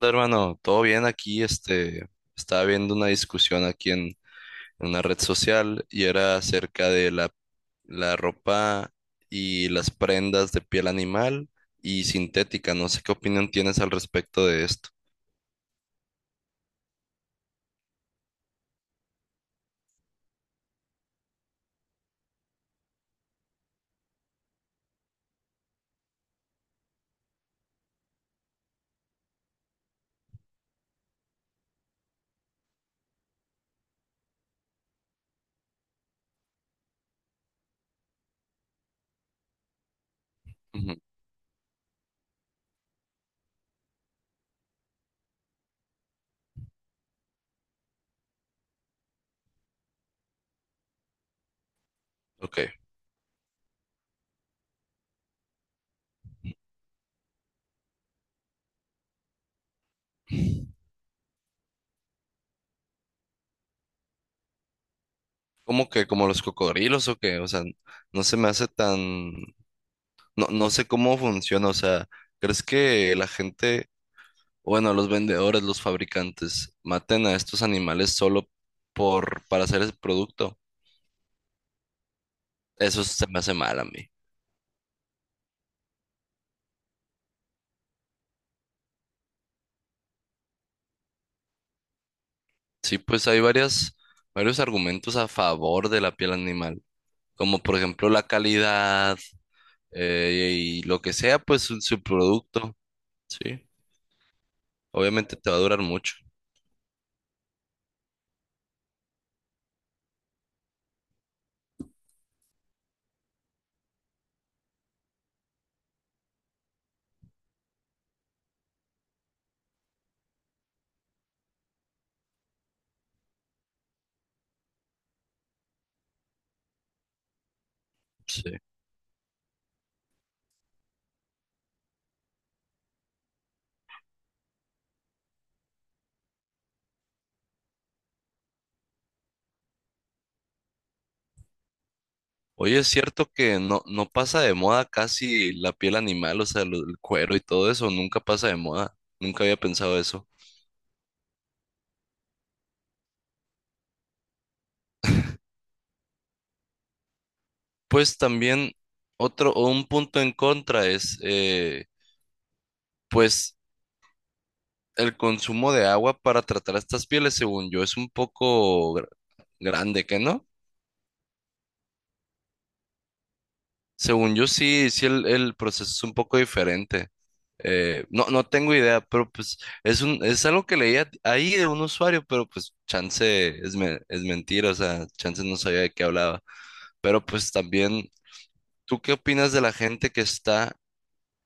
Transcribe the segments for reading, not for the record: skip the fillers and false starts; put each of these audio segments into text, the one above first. Hola, Hermano, todo bien aquí, estaba viendo una discusión aquí en una red social y era acerca de la ropa y las prendas de piel animal y sintética. No sé qué opinión tienes al respecto de esto. Ujú. Ok. ¿Cómo que como los cocodrilos o qué? O sea, no se me hace tan. No, no sé cómo funciona. O sea, ¿crees que la gente? Bueno, los vendedores, los fabricantes, maten a estos animales solo para hacer ese producto. Eso se me hace mal a mí. Sí, pues hay varios argumentos a favor de la piel animal, como por ejemplo la calidad, y lo que sea, pues su producto. Sí, obviamente te va a durar mucho. Sí. Oye, es cierto que no pasa de moda casi la piel animal, o sea, el cuero y todo eso, nunca pasa de moda. Nunca había pensado eso. Pues también otro o un punto en contra es, pues el consumo de agua para tratar estas pieles, según yo, es un poco grande, ¿qué no? Según yo sí, el proceso es un poco diferente. No tengo idea, pero pues es algo que leía ahí de un usuario, pero pues chance es mentira, o sea, chance no sabía de qué hablaba. Pero pues también, ¿tú qué opinas de la gente que está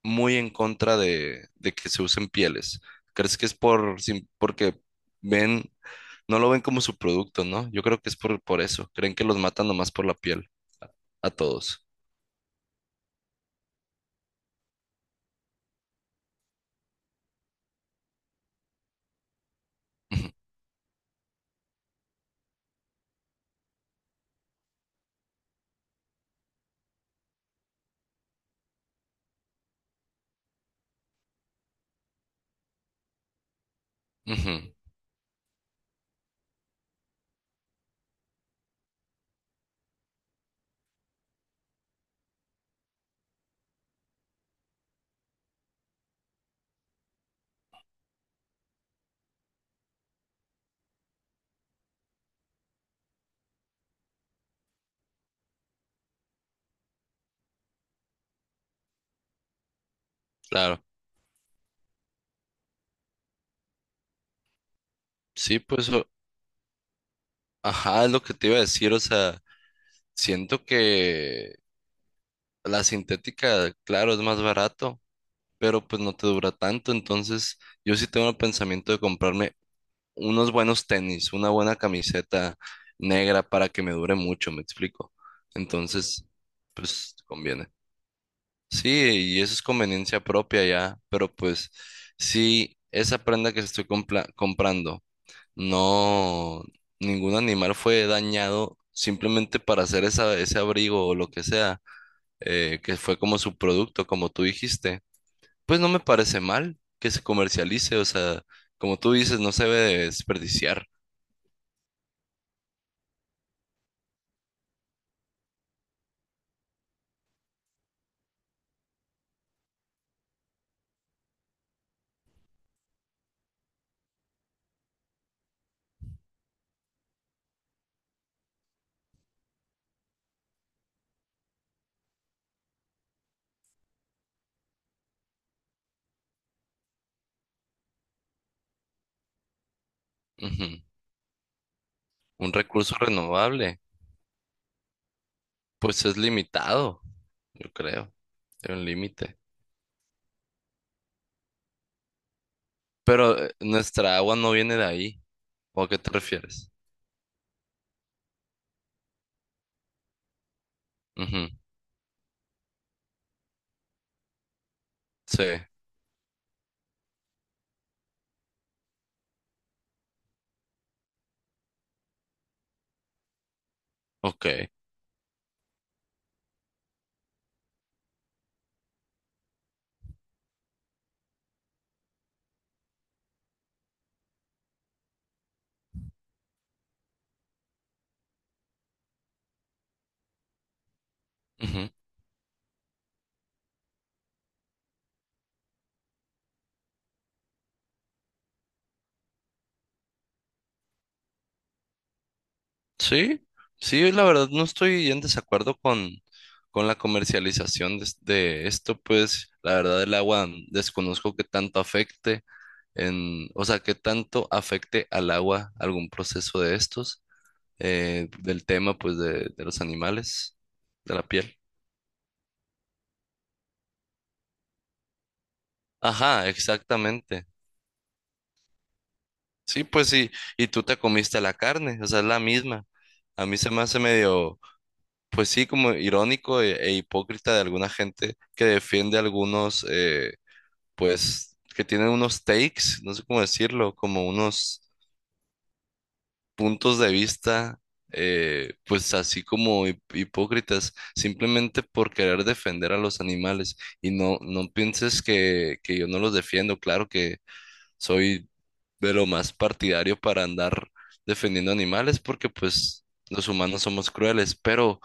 muy en contra de que se usen pieles? ¿Crees que es porque ven, no lo ven como su producto, ¿no? Yo creo que es por eso. Creen que los matan nomás por la piel, a todos. Ujú, claro. Sí, pues, ajá, es lo que te iba a decir. O sea, siento que la sintética, claro, es más barato, pero pues no te dura tanto. Entonces, yo sí tengo el pensamiento de comprarme unos buenos tenis, una buena camiseta negra para que me dure mucho, me explico. Entonces, pues conviene. Sí, y eso es conveniencia propia ya, pero pues si esa prenda que estoy comprando, no, ningún animal fue dañado simplemente para hacer ese abrigo o lo que sea, que fue como su producto, como tú dijiste, pues no me parece mal que se comercialice, o sea, como tú dices, no se debe desperdiciar. Ujú. Un recurso renovable, pues es limitado, yo creo. Hay un límite. Pero nuestra agua no viene de ahí. ¿O a qué te refieres? Ujú. Sí, ok. Ujú. Sí, sí, la verdad no estoy en desacuerdo con la comercialización de esto, pues la verdad el agua, mm, desconozco qué tanto afecte en, o sea, qué tanto afecte al agua algún proceso de estos, del tema pues de los animales, de la piel. Ajá, exactamente. Sí, pues sí, y tú te comiste la carne, o sea, es la misma. A mí se me hace medio, pues sí, como irónico e hipócrita de alguna gente que defiende algunos, pues, que tienen unos takes, no sé cómo decirlo, como unos puntos de vista, pues así como hipócritas, simplemente por querer defender a los animales. Y no, no pienses que yo no los defiendo, claro que soy de lo más partidario para andar defendiendo animales porque pues los humanos somos crueles, pero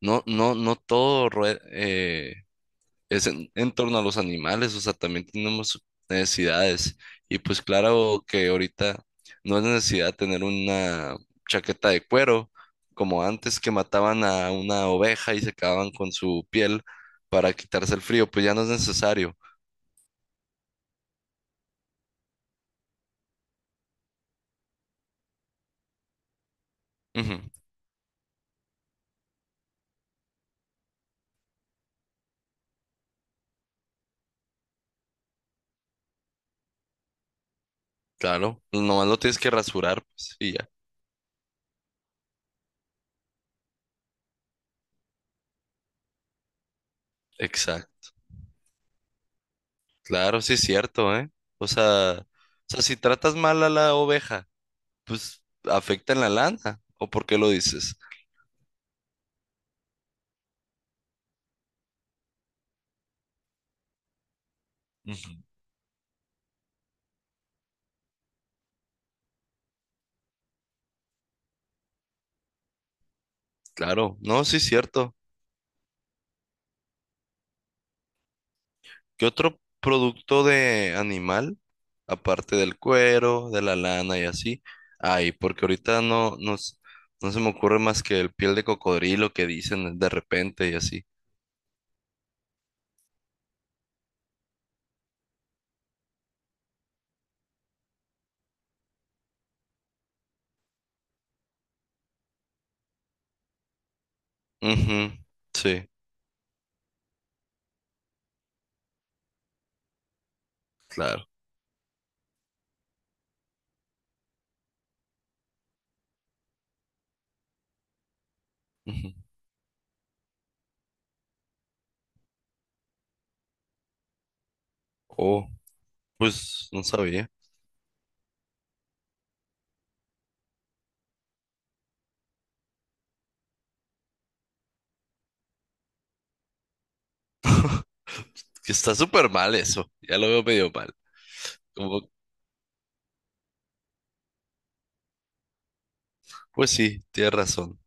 no todo es en torno a los animales, o sea, también tenemos necesidades y pues claro que ahorita no es necesidad tener una chaqueta de cuero como antes que mataban a una oveja y se quedaban con su piel para quitarse el frío, pues ya no es necesario. Ujú. Claro, nomás lo tienes que rasurar, pues, y ya. Exacto. Claro, sí es cierto, ¿eh? O sea, si tratas mal a la oveja, pues afecta en la lana. ¿O por qué lo dices? Ujú. Claro, no, sí es cierto. ¿Qué otro producto de animal, aparte del cuero, de la lana y así? Ay, porque ahorita no se me ocurre más que el piel de cocodrilo que dicen de repente y así. Ujú, sí, claro. Ujú. Oh, pues no sabía. Que está súper mal eso. Ya lo veo medio mal. Pues sí, tienes razón.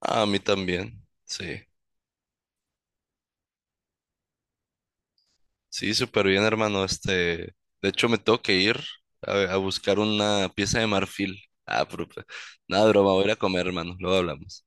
A mí también. Sí, sí, súper bien, hermano. Este, de hecho, me tengo que ir a buscar una pieza de marfil. Ah, pero, pues, nada, broma, voy a ir a comer, hermano. Luego hablamos.